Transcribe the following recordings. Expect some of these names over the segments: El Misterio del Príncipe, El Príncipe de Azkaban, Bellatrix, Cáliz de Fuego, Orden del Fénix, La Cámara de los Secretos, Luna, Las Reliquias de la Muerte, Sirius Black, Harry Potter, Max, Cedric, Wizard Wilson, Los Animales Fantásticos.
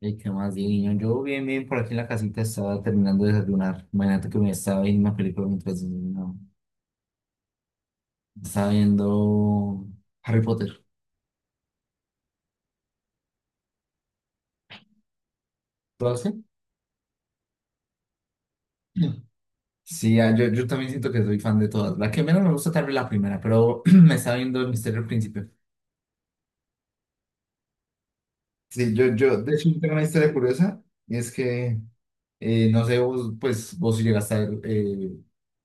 ¿Y qué más, divino? Yo bien, bien, por aquí en la casita estaba terminando de desayunar. Imagínate que me estaba viendo una película mientras desayunaba. Estaba viendo Harry Potter. ¿Todas qué? No. Sí, ah, yo también siento que soy fan de todas. La que menos me gusta tal vez la primera, pero me estaba viendo El Misterio del Príncipe. Sí, yo, de hecho, tengo una historia curiosa, y es que, no sé, vos, pues, vos si llegaste a ver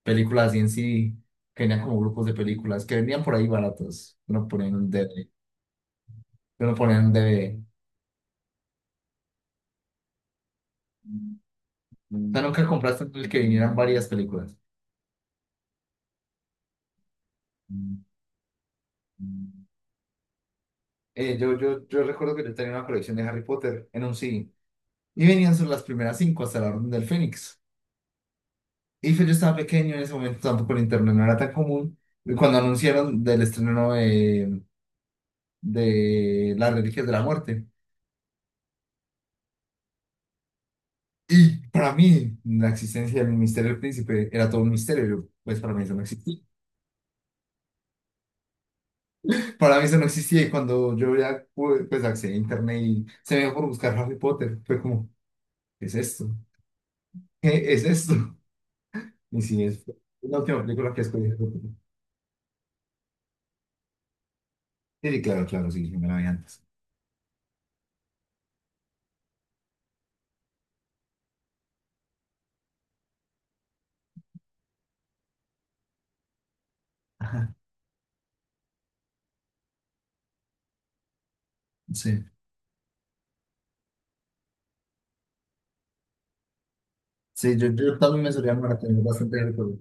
películas así en sí, que venían como grupos de películas, que vendían por ahí baratos, uno ponía en un DVD. O sea, nunca compraste el que vinieran varias películas. Yo recuerdo que yo tenía una colección de Harry Potter en un CD. Y venían sobre las primeras cinco hasta la Orden del Fénix. Y pues yo estaba pequeño en ese momento, tampoco el internet no era tan común. Y cuando anunciaron del estreno de Las Reliquias de la Muerte. Y para mí, la existencia del misterio del príncipe era todo un misterio. Yo, pues para mí eso no existía. Para mí eso no existía. Y cuando yo ya pude, pues accedí a internet y se me dio por buscar Harry Potter, fue como, ¿qué es esto? ¿Qué es esto? Y sí, es la última película que escogí. Sí, sí, claro, claro, sí, yo me la vi antes. Ajá, sí. Sí, yo también me solía maratonear bastante de todo.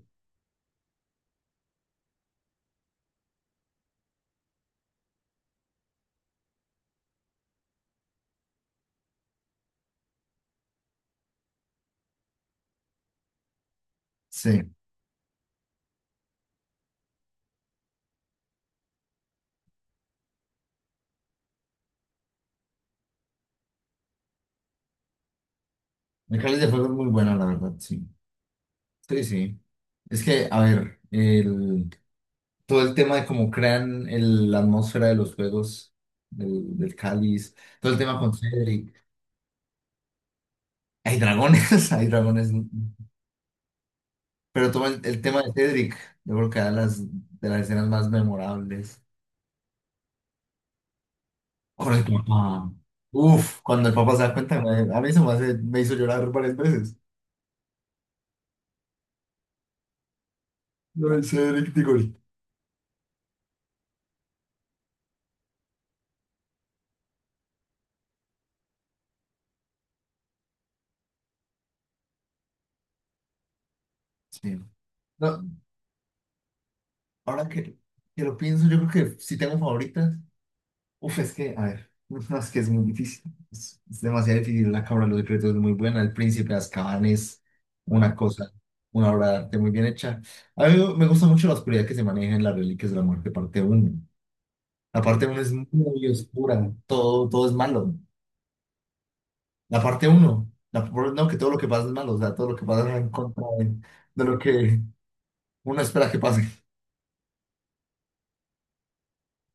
Sí, el Cáliz de Fuego es muy buena, la verdad, sí. Sí, sí. Es que, a ver, todo el tema de cómo crean la atmósfera de los juegos, del Cáliz, todo el tema con Cedric. Hay dragones, hay dragones. Pero todo el tema de Cedric, yo creo que era las, de las escenas más memorables. Con el papá. Uf, cuando el papá se da cuenta, a mí se me me hizo llorar varias veces. No, en serio, qué digo. Sí. No, ahora que lo pienso, yo creo que si tengo favoritas, uf, es que, a ver, no, es que es muy difícil. Es demasiado difícil. La cabra de los Secretos es muy buena. El Príncipe de Azkaban es una cosa, una obra de arte muy bien hecha. A mí me gusta mucho la oscuridad que se maneja en las Reliquias de la Muerte, parte uno. La parte uno es muy oscura. Todo, todo es malo. La parte uno, no, que todo lo que pasa es malo, o sea, todo lo que pasa va en contra de lo que uno espera que pase.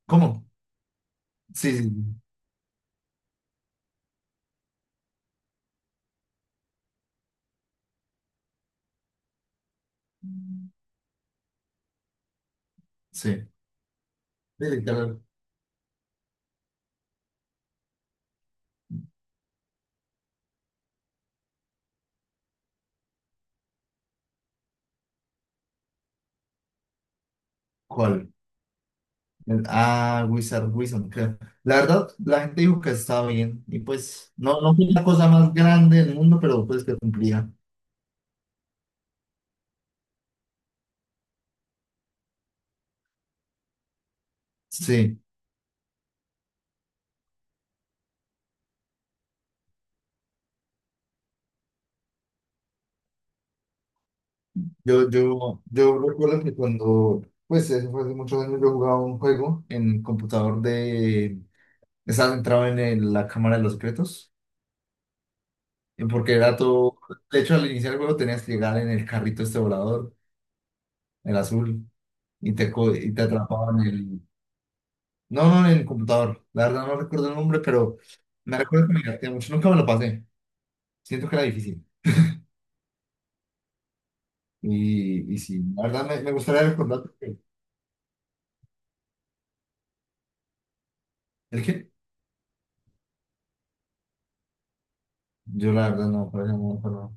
¿Cómo? Sí, sí, sí. Sí, sí, tal cuál. Ah, Wizard Wilson, creo. La verdad, la gente dijo que estaba bien, y pues, no, no fue la cosa más grande del mundo, pero pues que cumplía. Sí, yo recuerdo que cuando, pues, eso fue hace muchos años, yo jugaba un juego en computador de. Estaba entrado en la Cámara de los Secretos. Porque era todo. De hecho, al iniciar el juego tenías que llegar en el carrito este volador, el azul, y y te atrapaban en el. No, no, en el computador. La verdad no recuerdo el nombre, pero me recuerdo que me divertía mucho. Nunca me lo pasé. Siento que era difícil. Y sí, la verdad me gustaría recordar, porque... ¿El qué? Yo la verdad no, por ejemplo, no, pero...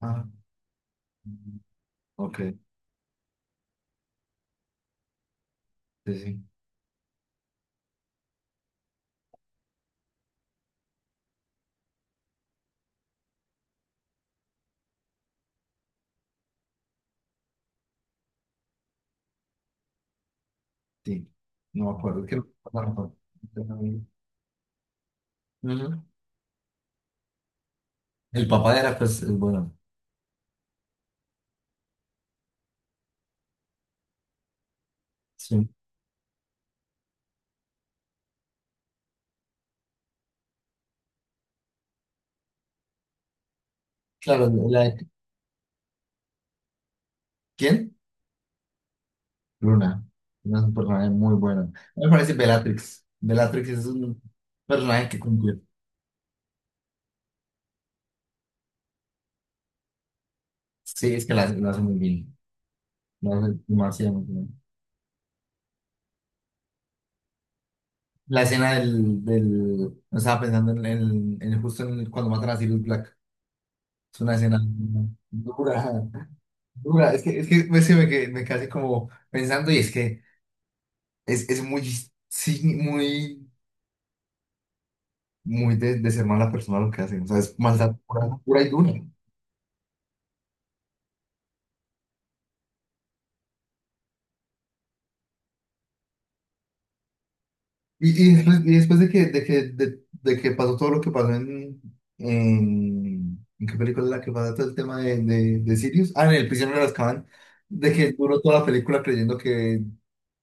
Ah, ok. Sí, sí, sí. No me acuerdo. Es que no me acuerdo. Ujú. El papá era, pues, el bueno. Sí. Claro, la- ¿Quién? Luna. Luna es un personaje muy bueno. Me parece Bellatrix. Bellatrix es un personaje que cumple. Sí, es que la, lo hace muy bien. Lo hace demasiado muy bien. La escena del... no. Estaba pensando en, el, en justo en el- cuando matan a Sirius Black. Es una escena dura, dura. Es que me quedé como pensando y es que es muy, sí, muy, muy de ser mala persona lo que hacen. O sea, es maldad pura, pura y dura. Y después de que pasó todo lo que pasó ¿en qué película es la que pasa todo el tema de Sirius, ah, en El prisionero de Azkaban, de que duró toda la película creyendo que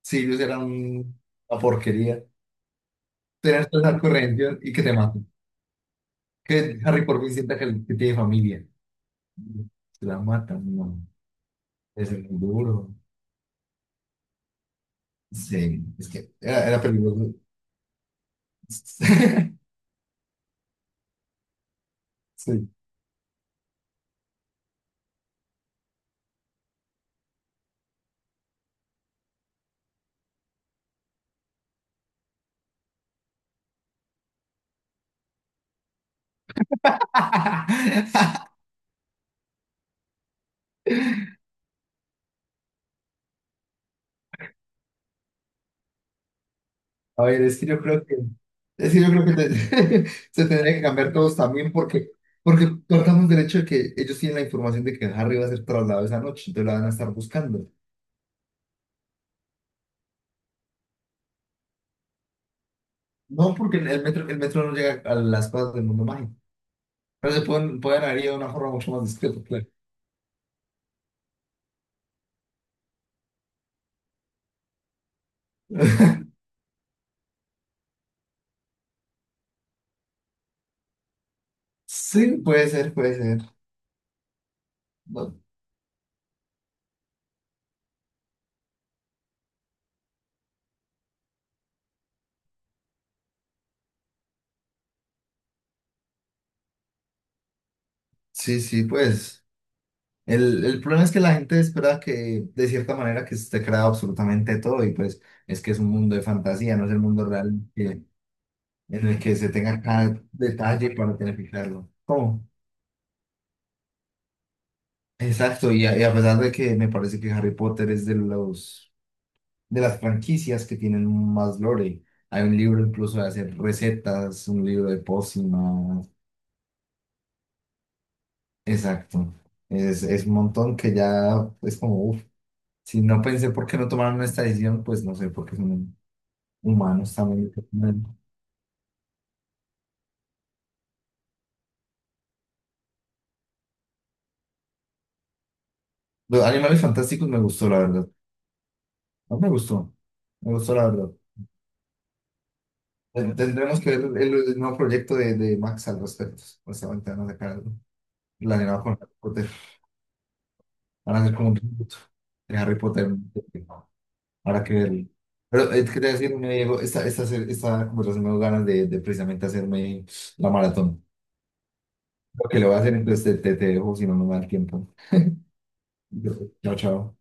Sirius era una porquería, tenías que estar corriendo y que te maten, que Harry por fin sienta que tiene familia, se la matan, no, es muy duro, sí, es que era, era peligroso, sí. A ver, es que yo creo que, es que yo creo se tendría que cambiar todos también porque, porque partamos del hecho de que ellos tienen la información de que Harry va a ser trasladado esa noche, entonces la van a estar buscando. No, porque el metro no llega a las cosas del mundo mágico, pero se pueden, pueden haber ido de una forma mucho más discreta, claro. Sí, puede ser, puede ser. No. Sí, sí, pues. El problema es que la gente espera que, de cierta manera, que esté creado absolutamente todo, y pues es que es un mundo de fantasía, no es el mundo real, en el que se tenga cada detalle para planificarlo. ¿Cómo? Exacto, y y a pesar de que me parece que Harry Potter es de los de las franquicias que tienen más lore. Hay un libro incluso de hacer recetas, un libro de pócimas. Exacto. Es un montón que ya es como, uff, si no pensé por qué no tomaron esta decisión, pues no sé, porque son humanos también. Los animales fantásticos me gustó, la verdad. No me gustó, me gustó la verdad. Tendremos que ver el nuevo proyecto de Max al respecto. Pues ahorita van a sacar algo planeado con Harry Potter. Van a hacer como un reboot de Harry Potter. Habrá que verlo. Pero es que te voy a decir, me Diego, esta conversación me dio ganas de precisamente hacerme la maratón. Lo que le voy a hacer, entonces te dejo, si no, no me da el tiempo. Yo... Chao, chao.